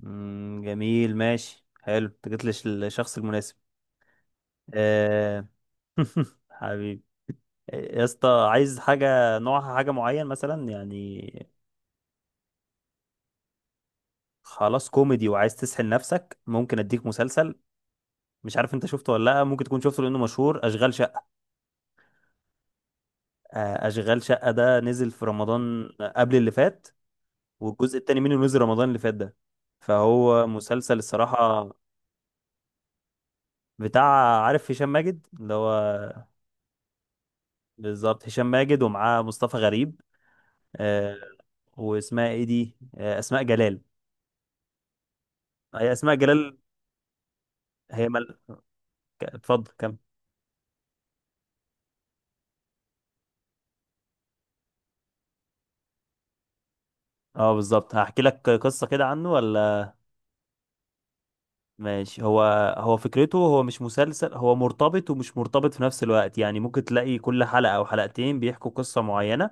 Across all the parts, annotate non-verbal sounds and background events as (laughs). جميل، ماشي، حلو، انت جيت للشخص المناسب. آه... (laughs) حبيبي، يا اسطى عايز حاجة، نوعها حاجة معين مثلا يعني. خلاص، كوميدي وعايز تسحل نفسك، ممكن اديك مسلسل. مش عارف انت شفته ولا لا، ممكن تكون شفته لانه مشهور، اشغال شقة. اشغال شقة ده نزل في رمضان قبل اللي فات، والجزء التاني منه نزل رمضان اللي فات ده. فهو مسلسل الصراحة بتاع عارف هشام ماجد اللي هو، بالظبط، هشام ماجد ومعاه مصطفى غريب. آه، واسمها ايه دي، اسماء جلال. هي اسماء جلال. هي مل... اتفضل كم. اه بالظبط، هحكي لك قصة كده عنه ولا. ماشي. هو فكرته، هو مش مسلسل، هو مرتبط ومش مرتبط في نفس الوقت، يعني ممكن تلاقي كل حلقة او حلقتين بيحكوا قصة معينة.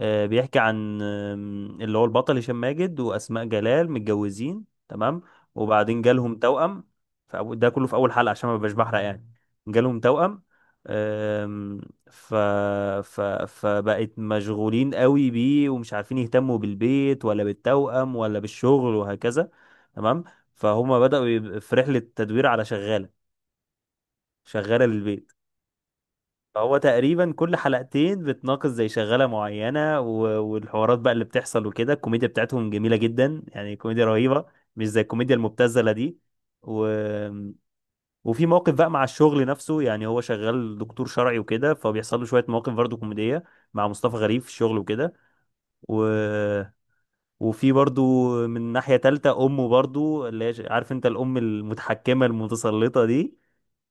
بيحكي عن اللي هو البطل هشام ماجد وأسماء جلال متجوزين، تمام. وبعدين جالهم توأم. ده كله في أول حلقة عشان ما ببقاش بحرق يعني. جالهم توأم. آم، ف... ف... فبقت مشغولين قوي بيه، ومش عارفين يهتموا بالبيت ولا بالتوأم ولا بالشغل وهكذا. تمام. فهما بدأوا في رحلة تدوير على شغالة، شغالة للبيت. هو تقريبا كل حلقتين بتناقش زي شغالة معينة، والحوارات بقى اللي بتحصل وكده، الكوميديا بتاعتهم جميلة جدا، يعني كوميديا رهيبة، مش زي الكوميديا المبتذلة دي. و... وفي مواقف بقى مع الشغل نفسه، يعني هو شغال دكتور شرعي وكده، فبيحصل له شوية مواقف برضه كوميدية مع مصطفى غريب في الشغل وكده. و... وفي برضه، من ناحية تالتة، أمه برضه اللي هي عارف أنت الأم المتحكمة المتسلطة دي،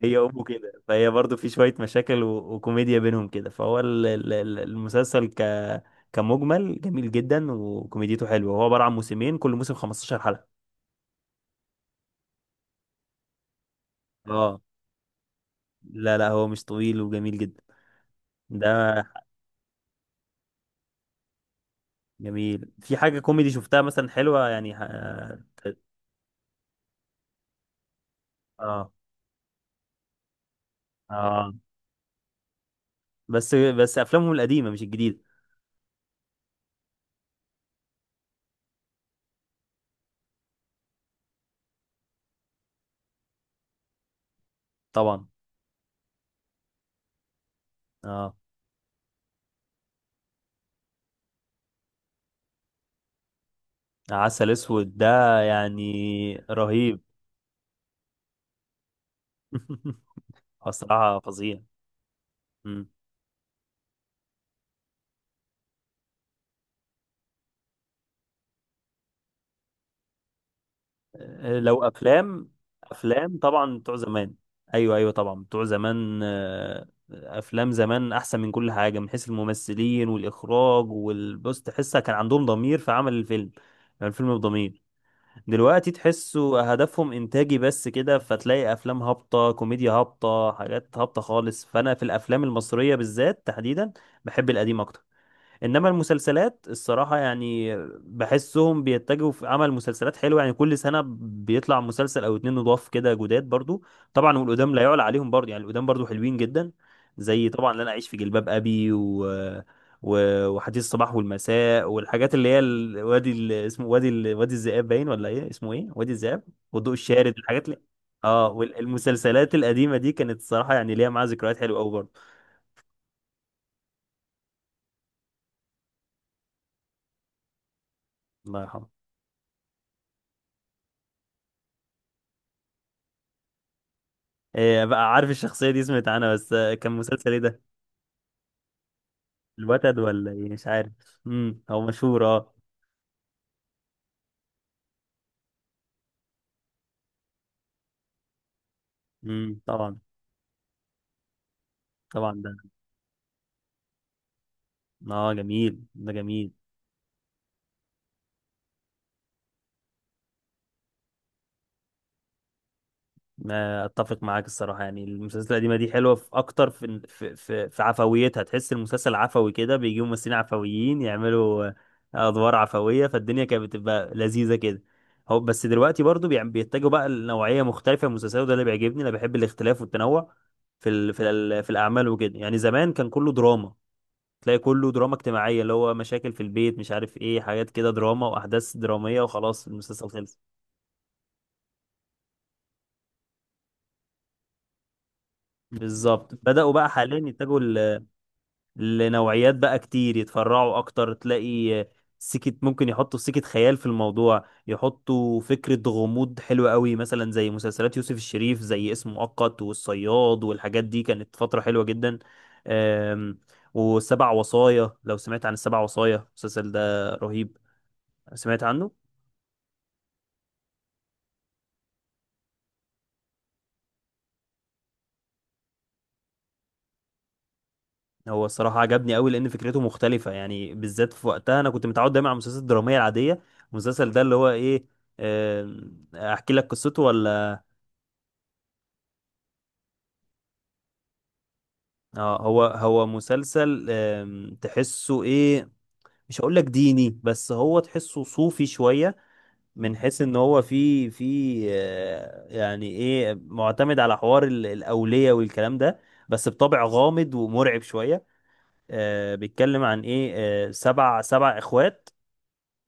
هي امه كده. فهي برضو في شويه مشاكل وكوميديا بينهم كده. فهو المسلسل كمجمل جميل جدا، وكوميديته حلوه. هو عباره عن موسمين، كل موسم 15 حلقه. اه لا لا، هو مش طويل وجميل جدا. ده جميل. في حاجه كوميدي شفتها مثلا حلوه يعني اه اه. بس افلامهم القديمه مش الجديده. طبعا. اه عسل اسود ده يعني رهيب. (laughs) بصراحه فظيع. لو افلام طبعا بتوع زمان. ايوه ايوه طبعا بتوع زمان. افلام زمان احسن من كل حاجه، من حيث الممثلين والاخراج، والبص تحسها كان عندهم ضمير في عمل الفيلم، يعني الفيلم بضمير. دلوقتي تحسوا هدفهم انتاجي بس كده، فتلاقي افلام هابطه، كوميديا هابطه، حاجات هابطه خالص. فانا في الافلام المصريه بالذات تحديدا بحب القديم اكتر. انما المسلسلات الصراحه، يعني بحسهم بيتجهوا في عمل مسلسلات حلوه، يعني كل سنه بيطلع مسلسل او اتنين نضاف كده جداد برضو. طبعا، والقدام لا يعلى عليهم برضو، يعني القدام برضو حلوين جدا. زي طبعا اللي انا اعيش في جلباب ابي وحديث الصباح والمساء، والحاجات اللي هي وادي اسمه وادي وادي الذئاب باين، ولا ايه اسمه، ايه، وادي الذئاب والضوء الشارد، الحاجات اللي، اه والمسلسلات القديمه دي كانت الصراحه يعني ليها معاها ذكريات حلوه قوي برضو. الله يرحمه. إيه بقى، عارف الشخصية دي، سمعت عنها بس، كان مسلسل ايه ده. الوتد ولا ايه مش عارف. هو مشهور اه. طبعا. طبعا ده. اه جميل ده جميل. ما اتفق معاك الصراحه، يعني المسلسلات القديمه دي حلوه في اكتر في في عفويتها، تحس المسلسل عفوي كده، بيجيبوا ممثلين عفويين يعملوا ادوار عفويه، فالدنيا كانت بتبقى لذيذه كده. هو بس دلوقتي برضو بيتجهوا بقى لنوعيه مختلفه من المسلسلات، وده اللي بيعجبني، انا بحب الاختلاف والتنوع في ال في ال في الاعمال وكده، يعني زمان كان كله دراما. تلاقي كله دراما اجتماعيه، اللي هو مشاكل في البيت، مش عارف ايه، حاجات كده دراما واحداث دراميه، وخلاص المسلسل خلص. بالظبط، بدأوا بقى حاليا يتجهوا لنوعيات بقى كتير، يتفرعوا اكتر، تلاقي سكة، ممكن يحطوا سكة خيال في الموضوع، يحطوا فكرة غموض حلوة قوي، مثلا زي مسلسلات يوسف الشريف، زي اسم مؤقت والصياد، والحاجات دي كانت فترة حلوة جدا. أم، والسبع وصايا، لو سمعت عن السبع وصايا، المسلسل ده رهيب. سمعت عنه. هو الصراحة عجبني قوي، لأن فكرته مختلفة، يعني بالذات في وقتها أنا كنت متعود دايما على المسلسلات الدرامية العادية. المسلسل ده اللي هو إيه، أحكي لك قصته ولا. اه. هو مسلسل، تحسه ايه، مش هقول لك ديني بس هو تحسه صوفي شوية، من حيث ان هو في يعني ايه، معتمد على حوار الأولية والكلام ده، بس بطبع غامض ومرعب شوية. بيتكلم عن ايه، سبع اخوات،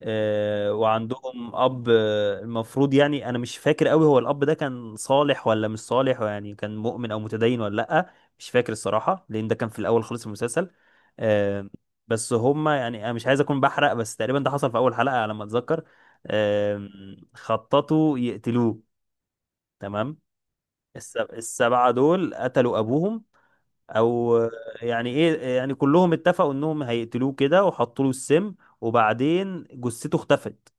وعندهم اب، المفروض، يعني انا مش فاكر قوي هو الاب ده كان صالح ولا مش صالح، يعني كان مؤمن او متدين ولا لا، مش فاكر الصراحه، لان ده كان في الاول خالص في المسلسل. آه، بس هما، يعني انا مش عايز اكون بحرق، بس تقريبا ده حصل في اول حلقه على ما اتذكر. آه، خططوا يقتلوه. تمام. السبعه دول قتلوا ابوهم، او، يعني ايه يعني، كلهم اتفقوا انهم هيقتلوه كده وحطوا له السم، وبعدين جثته اختفت.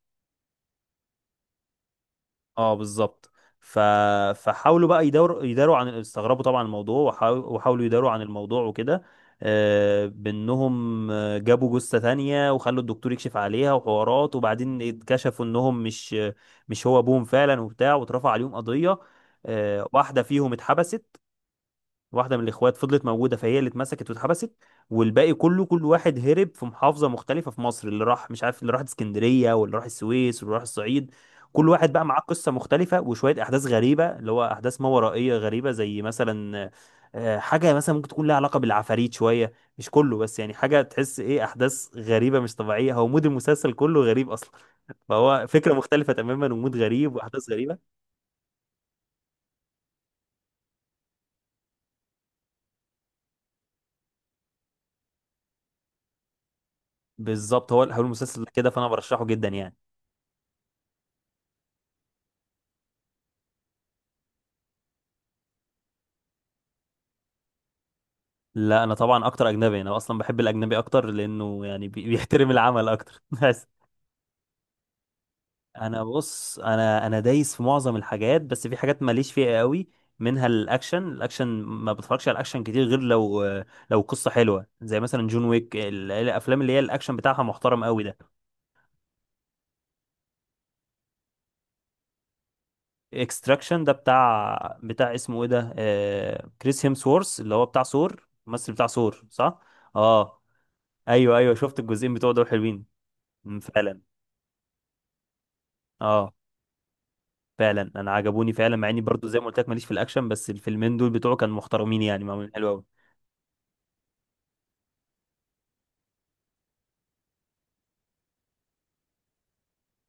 اه بالظبط. ف... فحاولوا بقى يداروا عن، استغربوا طبعا الموضوع، وحاولوا يداروا عن الموضوع وكده. بانهم، جابوا جثة تانية وخلوا الدكتور يكشف عليها وحوارات، وبعدين اتكشفوا انهم مش هو ابوهم فعلا وبتاع، واترفع عليهم قضية. واحدة فيهم اتحبست، واحده من الاخوات فضلت موجوده فهي اللي اتمسكت واتحبست، والباقي كله كل واحد هرب في محافظه مختلفه في مصر، اللي راح مش عارف، اللي راح اسكندريه، واللي راح السويس، واللي راح الصعيد. كل واحد بقى معاه قصه مختلفه، وشويه احداث غريبه اللي هو احداث ما ورائيه غريبه، زي مثلا، حاجه مثلا ممكن تكون لها علاقه بالعفاريت شويه، مش كله، بس يعني حاجه تحس ايه، احداث غريبه مش طبيعيه، هو مود المسلسل كله غريب اصلا. فهو فكره مختلفه تماما، ومود غريب، واحداث غريبه. بالظبط. هو المسلسل كده، فانا برشحه جدا يعني. لا انا طبعا اكتر اجنبي، انا اصلا بحب الاجنبي اكتر لانه يعني بيحترم العمل اكتر. (laughs) بس انا بص، انا دايس في معظم الحاجات، بس في حاجات ماليش فيها قوي، منها الاكشن. الاكشن ما بتفرجش على الاكشن كتير، غير لو قصة حلوة زي مثلا جون ويك، الافلام اللي هي الاكشن بتاعها محترم قوي ده. اكستراكشن ده بتاع اسمه ايه ده، كريس هيمسورث، اللي هو بتاع ثور، الممثل بتاع ثور صح. اه ايوه ايوه شفت الجزئين بتوع دول حلوين. مم، فعلا. اه فعلا انا عجبوني فعلا، مع اني برضو زي ما قلت لك ماليش في الاكشن، بس الفيلمين دول بتوعه كانوا محترمين، يعني معمولين حلو قوي.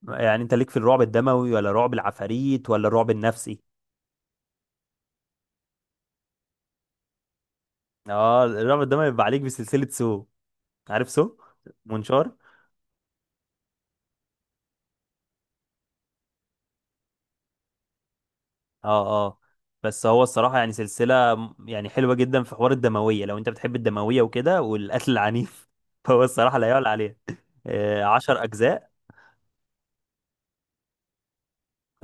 يعني انت ليك في الرعب الدموي، ولا رعب العفاريت، ولا الرعب النفسي. اه، الرعب الدموي بيبقى عليك بسلسلة سو، عارف سو، منشار. اه اه. بس هو الصراحة يعني سلسلة يعني حلوة جدا، في حوار الدموية لو انت بتحب الدموية وكده والقتل العنيف، (laughs) فهو الصراحة لا يعلى عليه. عشر أجزاء.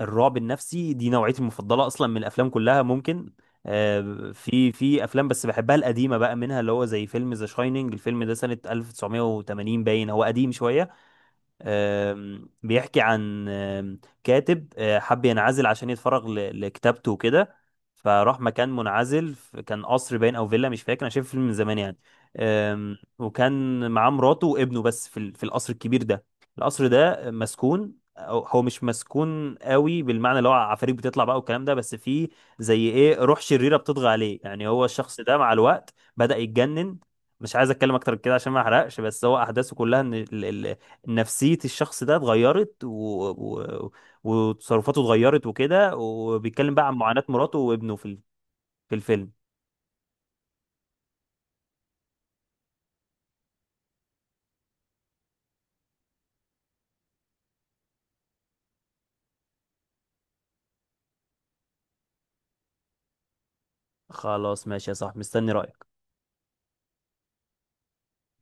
الرعب النفسي دي نوعيتي المفضله اصلا، من الافلام كلها ممكن. آه، في افلام بس بحبها القديمه بقى، منها اللي هو زي فيلم ذا شايننج، الفيلم ده سنه 1980 باين، هو قديم شويه. بيحكي عن كاتب حب ينعزل عشان يتفرغ لكتابته وكده. فراح مكان منعزل، كان قصر باين او فيلا، مش فاكر، انا شايف الفيلم من زمان يعني. وكان معاه مراته وابنه بس في في القصر الكبير ده. القصر ده مسكون. هو مش مسكون قوي بالمعنى اللي هو عفاريت بتطلع بقى والكلام ده، بس فيه زي ايه، روح شريرة بتطغى عليه، يعني هو الشخص ده مع الوقت بدأ يتجنن. مش عايز اتكلم اكتر من كده عشان ما احرقش، بس هو احداثه كلها ان نفسية الشخص ده اتغيرت و... وتصرفاته اتغيرت وكده، وبيتكلم بقى عن معاناة مراته وابنه في في الفيلم. خلاص ماشي يا صاحبي، مستني رأيك.